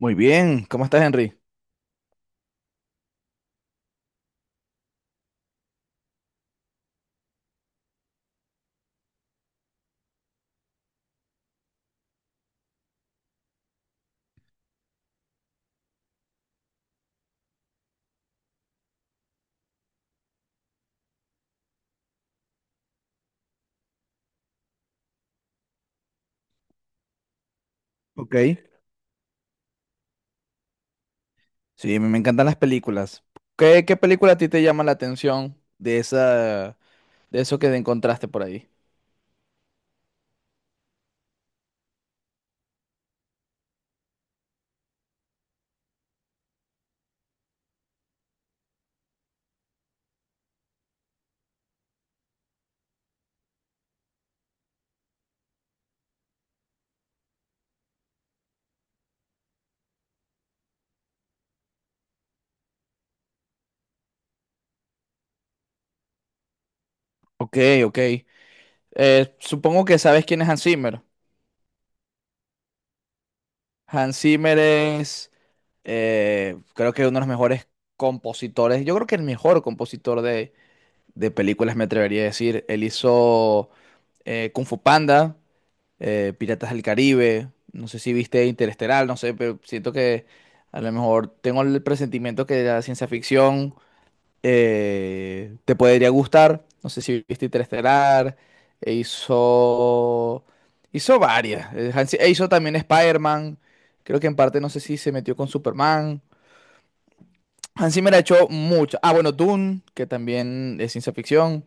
Muy bien, ¿cómo estás, Henry? Ok. Sí, me encantan las películas. ¿Qué película a ti te llama la atención de esa, de eso que encontraste por ahí? Ok, ok. Supongo que sabes quién es Hans Zimmer. Hans Zimmer es, creo que uno de los mejores compositores, yo creo que el mejor compositor de películas, me atrevería a decir. Él hizo Kung Fu Panda, Piratas del Caribe, no sé si viste Interestelar, no sé, pero siento que a lo mejor tengo el presentimiento que la ciencia ficción te podría gustar, no sé si viste Interestelar, e hizo varias. E hizo también Spider-Man, creo que en parte no sé si se metió con Superman. Hans Zimmer ha hecho mucho. Ah, bueno, Dune, que también es ciencia ficción.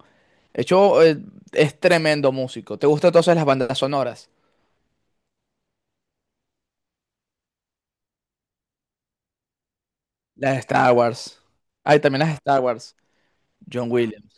Hecho, es tremendo músico. ¿Te gustan entonces las bandas sonoras? Las de Star Wars. Hay también las de Star Wars. John Williams.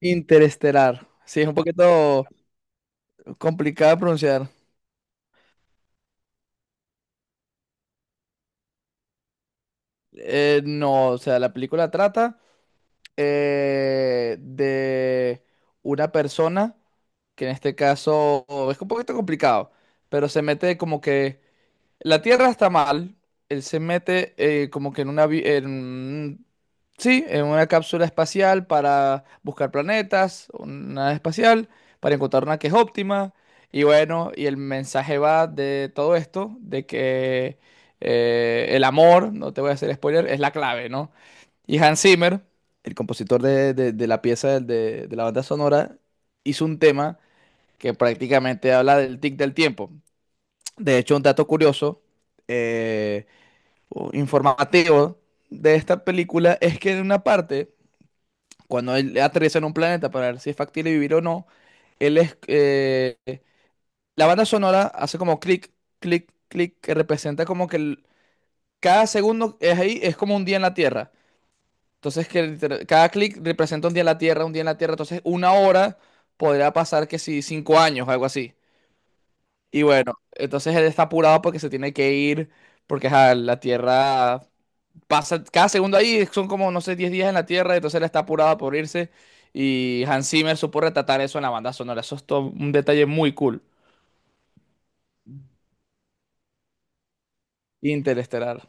Interestelar. Sí, es un poquito complicado de pronunciar. No, o sea, la película trata de una persona que en este caso es un poquito complicado, pero se mete como que la Tierra está mal. Él se mete como que en una, sí, en una cápsula espacial para buscar planetas, una nave espacial, para encontrar una que es óptima. Y bueno, y el mensaje va de todo esto, de que el amor, no te voy a hacer spoiler, es la clave, ¿no? Y Hans Zimmer, el compositor de la pieza de la banda sonora, hizo un tema que prácticamente habla del tic del tiempo. De hecho, un dato curioso, eh, o informativo de esta película, es que en una parte, cuando él aterriza en un planeta para ver si es factible vivir o no, él es, eh, la banda sonora hace como clic, clic, clic, que representa como que cada segundo es ahí, es como un día en la Tierra. Entonces, que cada clic representa un día en la Tierra, un día en la Tierra. Entonces, una hora podría pasar que si 5 años, algo así. Y bueno, entonces él está apurado porque se tiene que ir, porque ajá, la Tierra pasa cada segundo ahí, son como, no sé, 10 días en la Tierra, entonces él está apurado por irse. Y Hans Zimmer supo retratar eso en la banda sonora. Eso es todo un detalle muy cool. Interestelar.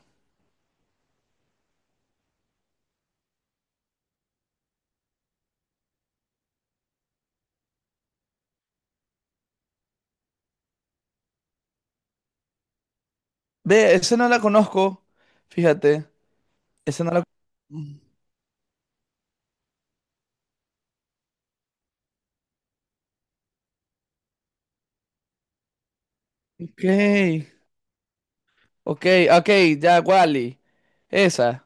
Ve, esa no la conozco, fíjate. Esa no la. Ok, ok, ok, ya, Wally. Esa.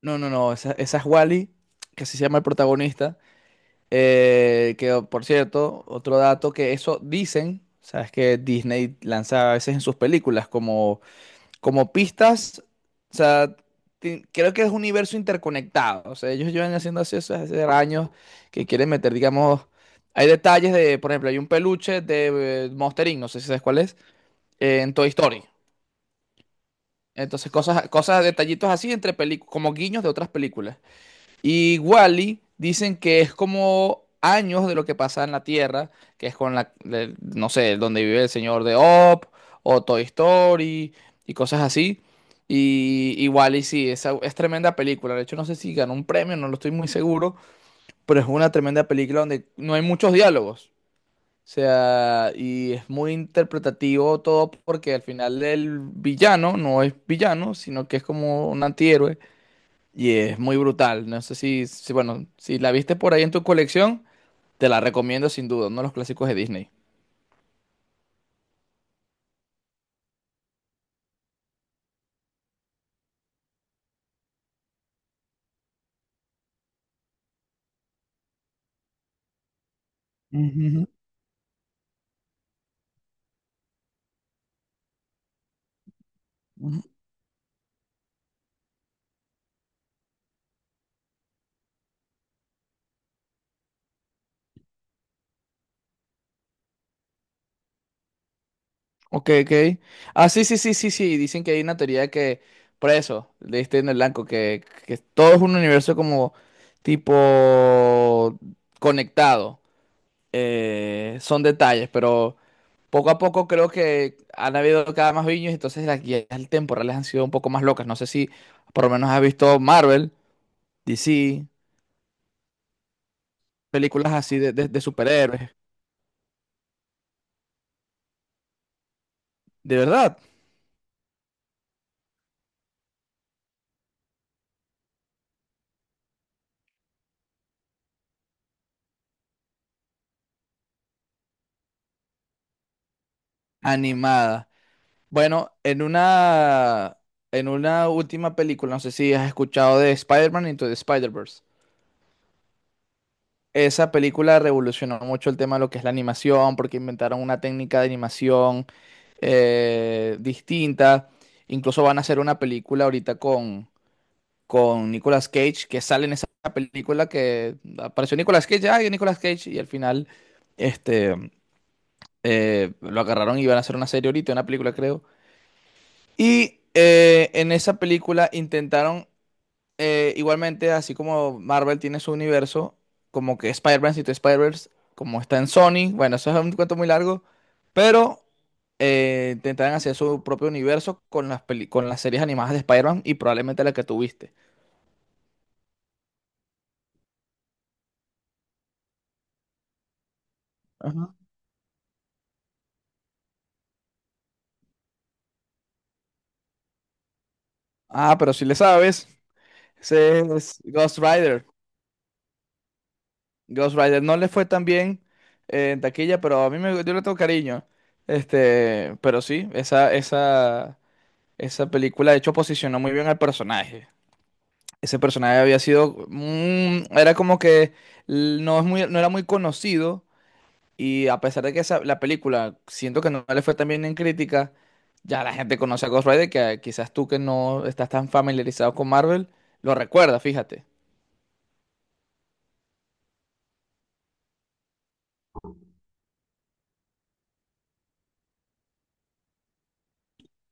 No, no, no, esa es Wally, que así se llama el protagonista. Que oh, por cierto, otro dato que eso dicen, sabes que Disney lanza a veces en sus películas como pistas, o sea, creo que es un universo interconectado, o sea, ellos llevan haciendo así eso hace años que quieren meter, digamos, hay detalles de, por ejemplo, hay un peluche de Monster Inc., no sé si sabes cuál es, en Toy Story. Entonces, cosas, cosas, detallitos así entre películas, como guiños de otras películas. Y Wally dicen que es como años de lo que pasa en la Tierra, que es con la, no sé, donde vive el señor de Op o Toy Story y cosas así. Y Wall-E sí, es tremenda película. De hecho, no sé si ganó un premio, no lo estoy muy seguro, pero es una tremenda película donde no hay muchos diálogos. O sea, y es muy interpretativo todo porque al final el villano no es villano, sino que es como un antihéroe y es muy brutal. No sé si, bueno, si la viste por ahí en tu colección, te la recomiendo sin duda, uno de los clásicos de Disney. Ujú, ujú. Ok, ok. Ah, sí, sí, sí, sí, sí. Dicen que hay una teoría de que, por eso, leíste en el blanco, que todo es un universo como tipo conectado. Son detalles, pero poco a poco creo que han habido cada más viños, entonces las guías temporales han sido un poco más locas. No sé si por lo menos has visto Marvel, DC, películas así de superhéroes, de verdad, animada. Bueno, en una última película, no sé si has escuchado de Spider-Man Into the Spider-Verse. Esa película revolucionó mucho el tema de lo que es la animación, porque inventaron una técnica de animación distinta. Incluso van a hacer una película ahorita con Nicolas Cage, que sale en esa película, que apareció Nicolas Cage, ay, Nicolas Cage, y al final, este, lo agarraron y iban a hacer una serie ahorita, una película creo. Y en esa película intentaron, igualmente, así como Marvel tiene su universo, como que Spider-Man, si tú Spider-Verse, como está en Sony, bueno, eso es un cuento muy largo, pero intentaron hacer su propio universo con las series animadas de Spider-Man y probablemente la que tuviste. Ajá. Ah, pero si le sabes, ese es Ghost Rider. Ghost Rider no le fue tan bien en taquilla, pero yo le tengo cariño. Pero sí, esa película de hecho posicionó muy bien al personaje. Ese personaje había sido, era como que no es muy, no era muy conocido, y a pesar de que la película, siento que no le fue tan bien en crítica, ya la gente conoce a Ghost Rider, que quizás tú, que no estás tan familiarizado con Marvel, lo recuerdas, fíjate.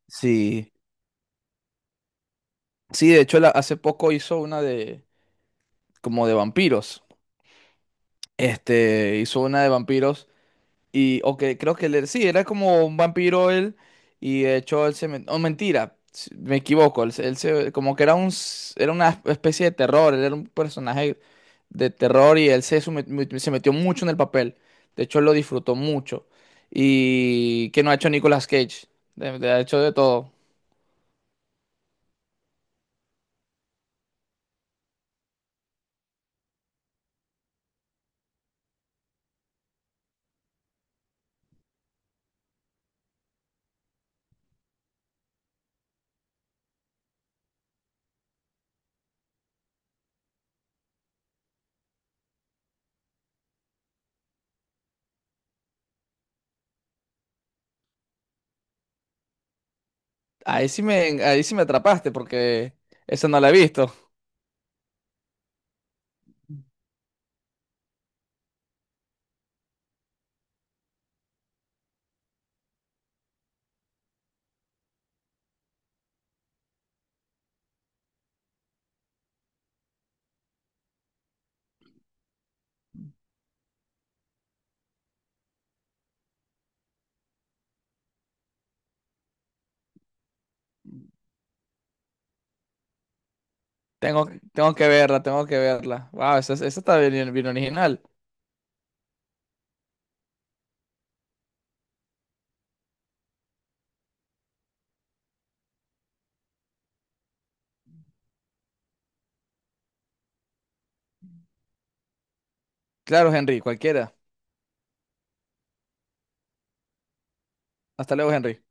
Sí, sí, de hecho hace poco hizo una de como de vampiros. Hizo una de vampiros y, o que creo que él, sí, era como un vampiro él, y de hecho oh, mentira, me equivoco, como que era era una especie de terror, él era un personaje de terror y él se metió mucho en el papel, de hecho él lo disfrutó mucho. Y que no ha hecho Nicolas Cage, ha hecho de todo. Ahí sí me atrapaste, porque eso no lo he visto. Tengo que verla, tengo que verla. Wow, esa está bien, bien original. Claro, Henry, cualquiera. Hasta luego, Henry.